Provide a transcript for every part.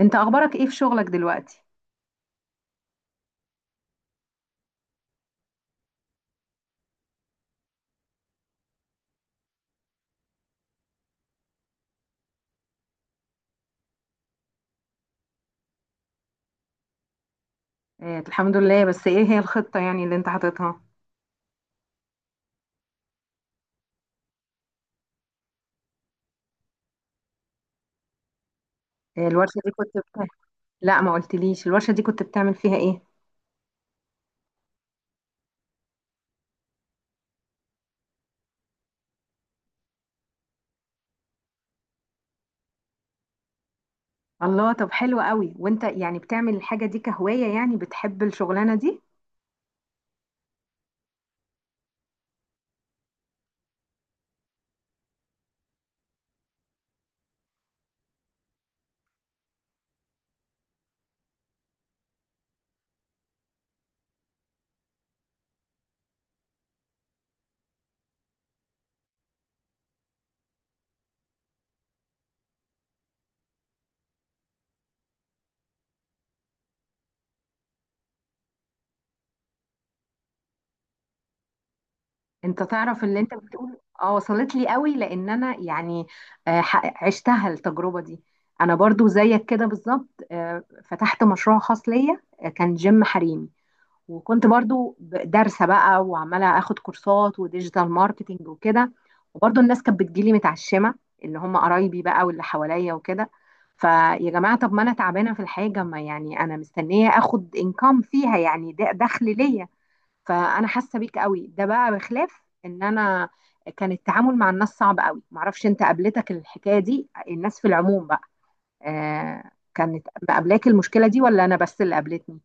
انت اخبارك ايه في شغلك دلوقتي؟ الحمد لله. بس ايه هي الخطة اللي انت حاططها؟ الورشة دي كنت بتاع... لا، ما قلتليش الورشة دي كنت بتعمل فيها ايه. الله، طب حلو قوي. وانت يعني بتعمل الحاجة دي كهواية؟ يعني بتحب الشغلانة دي؟ انت تعرف اللي انت بتقول اه، وصلت لي قوي، لان انا عشتها التجربة دي. انا برضو زيك كده بالظبط. فتحت مشروع خاص ليا، كان جيم حريمي. وكنت برضو دارسة بقى وعمالة اخد كورسات وديجيتال ماركتينج وكده. وبرضو الناس كانت بتجيلي متعشمة، اللي هم قرايبي بقى واللي حواليا وكده. فيا جماعة، طب ما انا تعبانة في الحاجة، ما يعني انا مستنية اخد انكم فيها، يعني ده دخل ليا. فانا حاسة بيك قوي. ده بقى بخلاف ان انا كان التعامل مع الناس صعب قوي. معرفش انت قابلتك الحكاية دي، الناس في العموم بقى، آه، كانت مقابلاك المشكلة دي، ولا انا بس اللي قابلتني؟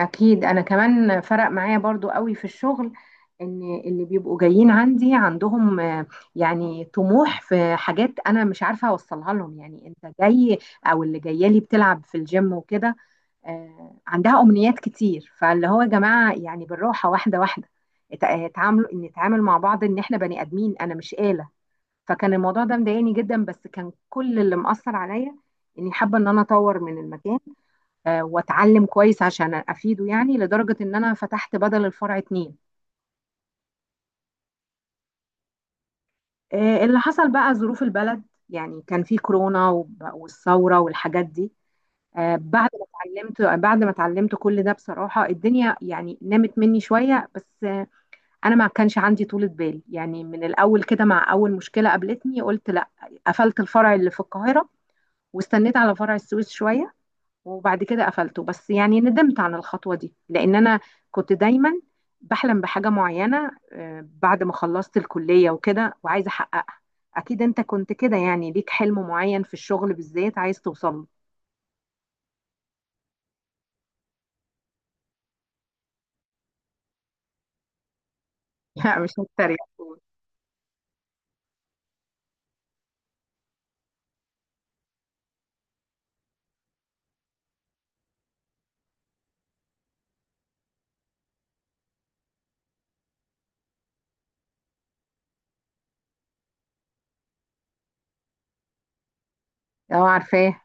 أكيد. أنا كمان فرق معايا برضو قوي في الشغل، إن اللي بيبقوا جايين عندي عندهم يعني طموح في حاجات أنا مش عارفة أوصلها لهم. يعني أنت جاي أو اللي جاية لي بتلعب في الجيم وكده، عندها أمنيات كتير. فاللي هو يا جماعة، يعني بالراحة، واحدة واحدة، اتعاملوا إن نتعامل مع بعض إن إحنا بني آدمين، أنا مش آلة. فكان الموضوع ده مضايقني جدا. بس كان كل اللي مأثر عليا إني حابة إن أنا أطور من المكان، واتعلم كويس عشان افيده، يعني لدرجه ان انا فتحت بدل الفرع اتنين. اللي حصل بقى ظروف البلد. يعني كان في كورونا والثوره والحاجات دي. آه، بعد ما بعد ما اتعلمت كل ده، بصراحه الدنيا يعني نامت مني شويه. بس انا ما كانش عندي طولة بال، يعني من الاول كده مع اول مشكله قابلتني قلت لا. قفلت الفرع اللي في القاهره، واستنيت على فرع السويس شويه، وبعد كده قفلته. بس يعني ندمت عن الخطوة دي، لأن أنا كنت دايما بحلم بحاجة معينة. بعد ما خلصت الكلية وكده، وعايزة أحققها. أكيد أنت كنت كده، يعني ليك حلم معين في الشغل بالذات عايز توصل له. لا، مش هتريق. أه، عارفاه.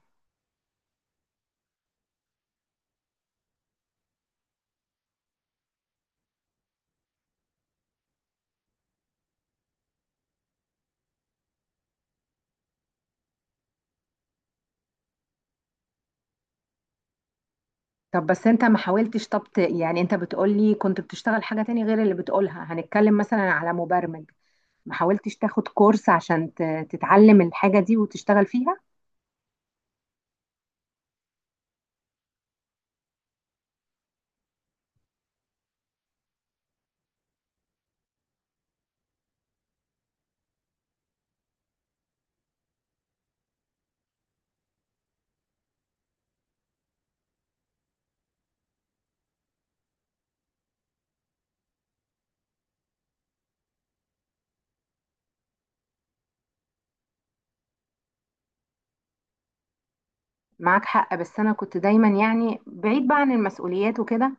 طب بس أنت ما حاولتش؟ طب يعني أنت بتقولي كنت بتشتغل حاجة تاني غير اللي بتقولها، هنتكلم مثلا على مبرمج، ما حاولتش تاخد كورس عشان تتعلم الحاجة دي وتشتغل فيها؟ معاك حق. بس انا كنت دايما يعني بعيد بقى عن المسؤوليات وكده.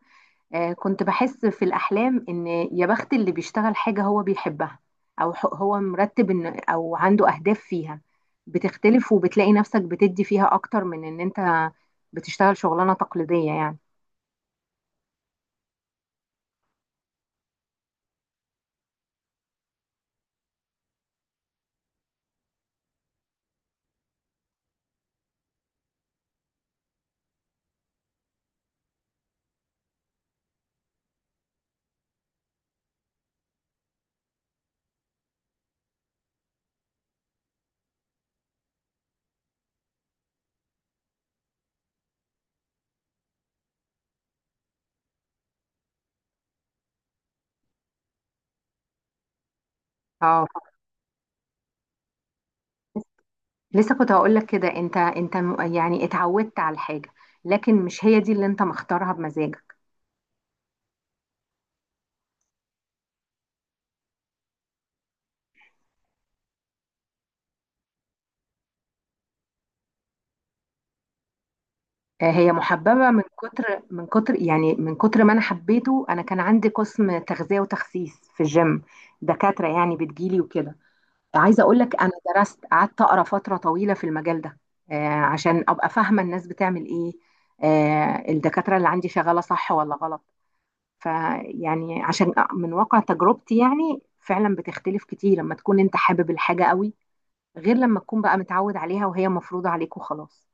كنت بحس في الاحلام ان يا بخت اللي بيشتغل حاجه هو بيحبها، او هو مرتب ان او عنده اهداف فيها، بتختلف وبتلاقي نفسك بتدي فيها اكتر من ان انت بتشتغل شغلانه تقليديه يعني. اه، لسه كنت هقول لك كده. انت يعني اتعودت على الحاجه، لكن مش هي دي اللي انت مختارها بمزاجك. هي محببة. من كتر، من كتر، يعني من كتر ما أنا حبيته، أنا كان عندي قسم تغذية وتخسيس في الجيم. دكاترة يعني بتجيلي وكده. عايزة أقول لك أنا درست، قعدت أقرأ فترة طويلة في المجال ده، عشان أبقى فاهمة الناس بتعمل إيه، الدكاترة اللي عندي شغالة صح ولا غلط. فيعني عشان من واقع تجربتي، يعني فعلا بتختلف كتير لما تكون أنت حابب الحاجة قوي، غير لما تكون بقى متعود عليها وهي مفروضة عليك وخلاص.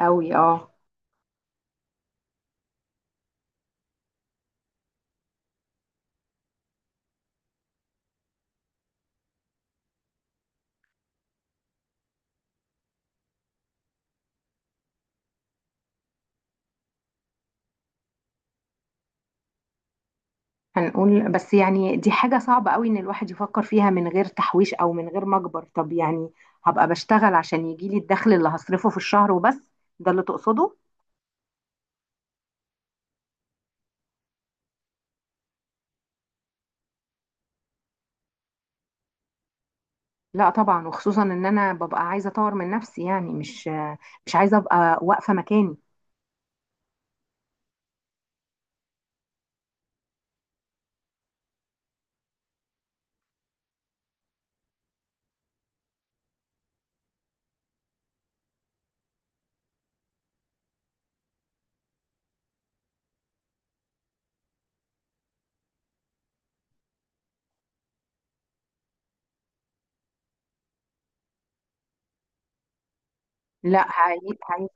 قوي اه. هنقول بس يعني دي حاجة صعبة قوي ان الواحد يفكر فيها من غير تحويش او من غير مجبر. طب يعني هبقى بشتغل عشان يجيلي الدخل اللي هصرفه في الشهر وبس؟ ده اللي تقصده؟ لا طبعا، وخصوصا ان انا ببقى عايزة اطور من نفسي، يعني مش مش عايزة ابقى واقفة مكاني. لا هي... هي...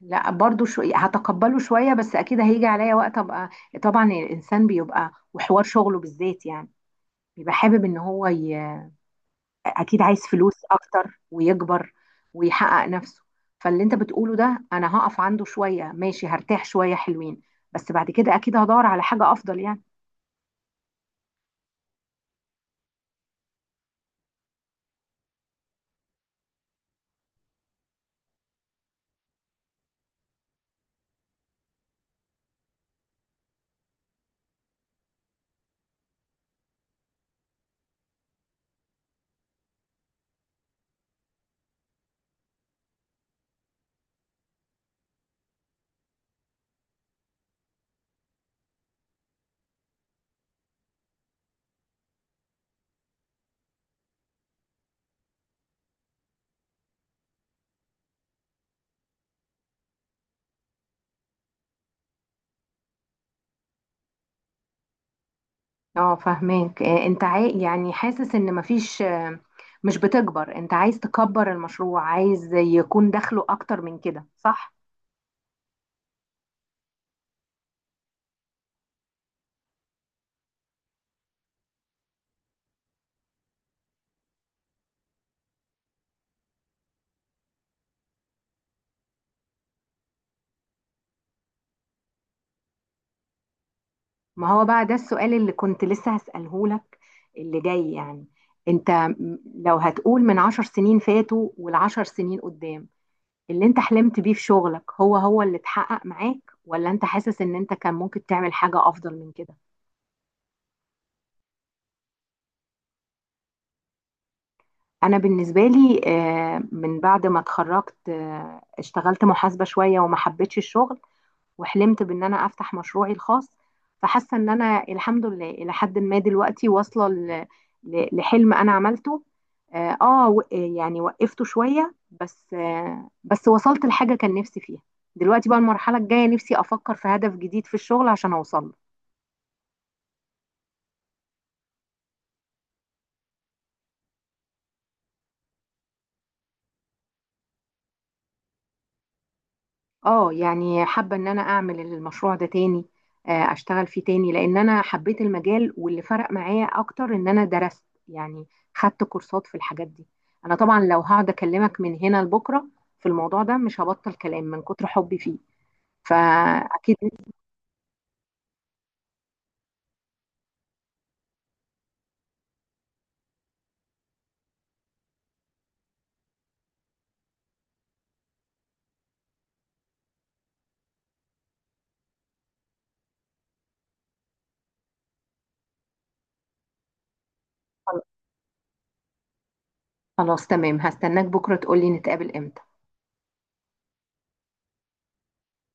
لا برضو شو... هتقبله شوية، بس اكيد هيجي عليا وقت ابقى، طبعا الانسان بيبقى وحوار شغله بالذات يعني، بيبقى حابب ان هو ي... اكيد عايز فلوس اكتر ويكبر ويحقق نفسه. فاللي انت بتقوله ده، انا هقف عنده شوية، ماشي، هرتاح شوية حلوين، بس بعد كده اكيد هدور على حاجة افضل يعني. اه فاهماك. انت عاي... يعني حاسس ان مفيش مش بتكبر، انت عايز تكبر المشروع، عايز يكون دخله اكتر من كده، صح؟ ما هو بقى ده السؤال اللي كنت لسه هسأله لك اللي جاي يعني. انت م- لو هتقول من 10 سنين فاتوا والعشر سنين قدام، اللي انت حلمت بيه في شغلك هو هو اللي اتحقق معاك، ولا انت حاسس ان انت كان ممكن تعمل حاجة افضل من كده؟ انا بالنسبة لي، من بعد ما اتخرجت، اشتغلت محاسبة شوية وما حبيتش الشغل، وحلمت بان انا افتح مشروعي الخاص. فحاسة ان انا الحمد لله الى حد ما دلوقتي واصلة لحلم انا عملته. اه آه، و- آه، يعني وقفته شوية، بس وصلت لحاجة كان نفسي فيها. دلوقتي بقى المرحلة الجاية نفسي افكر في هدف جديد في الشغل عشان اوصل له. اه يعني حابة ان انا اعمل المشروع ده تاني، اشتغل فيه تاني، لان انا حبيت المجال. واللي فرق معايا اكتر ان انا درست يعني، خدت كورسات في الحاجات دي. انا طبعا لو هقعد اكلمك من هنا لبكرة في الموضوع ده مش هبطل كلام من كتر حبي فيه. فاكيد. خلاص تمام، هستناك بكرة تقولي نتقابل امتى.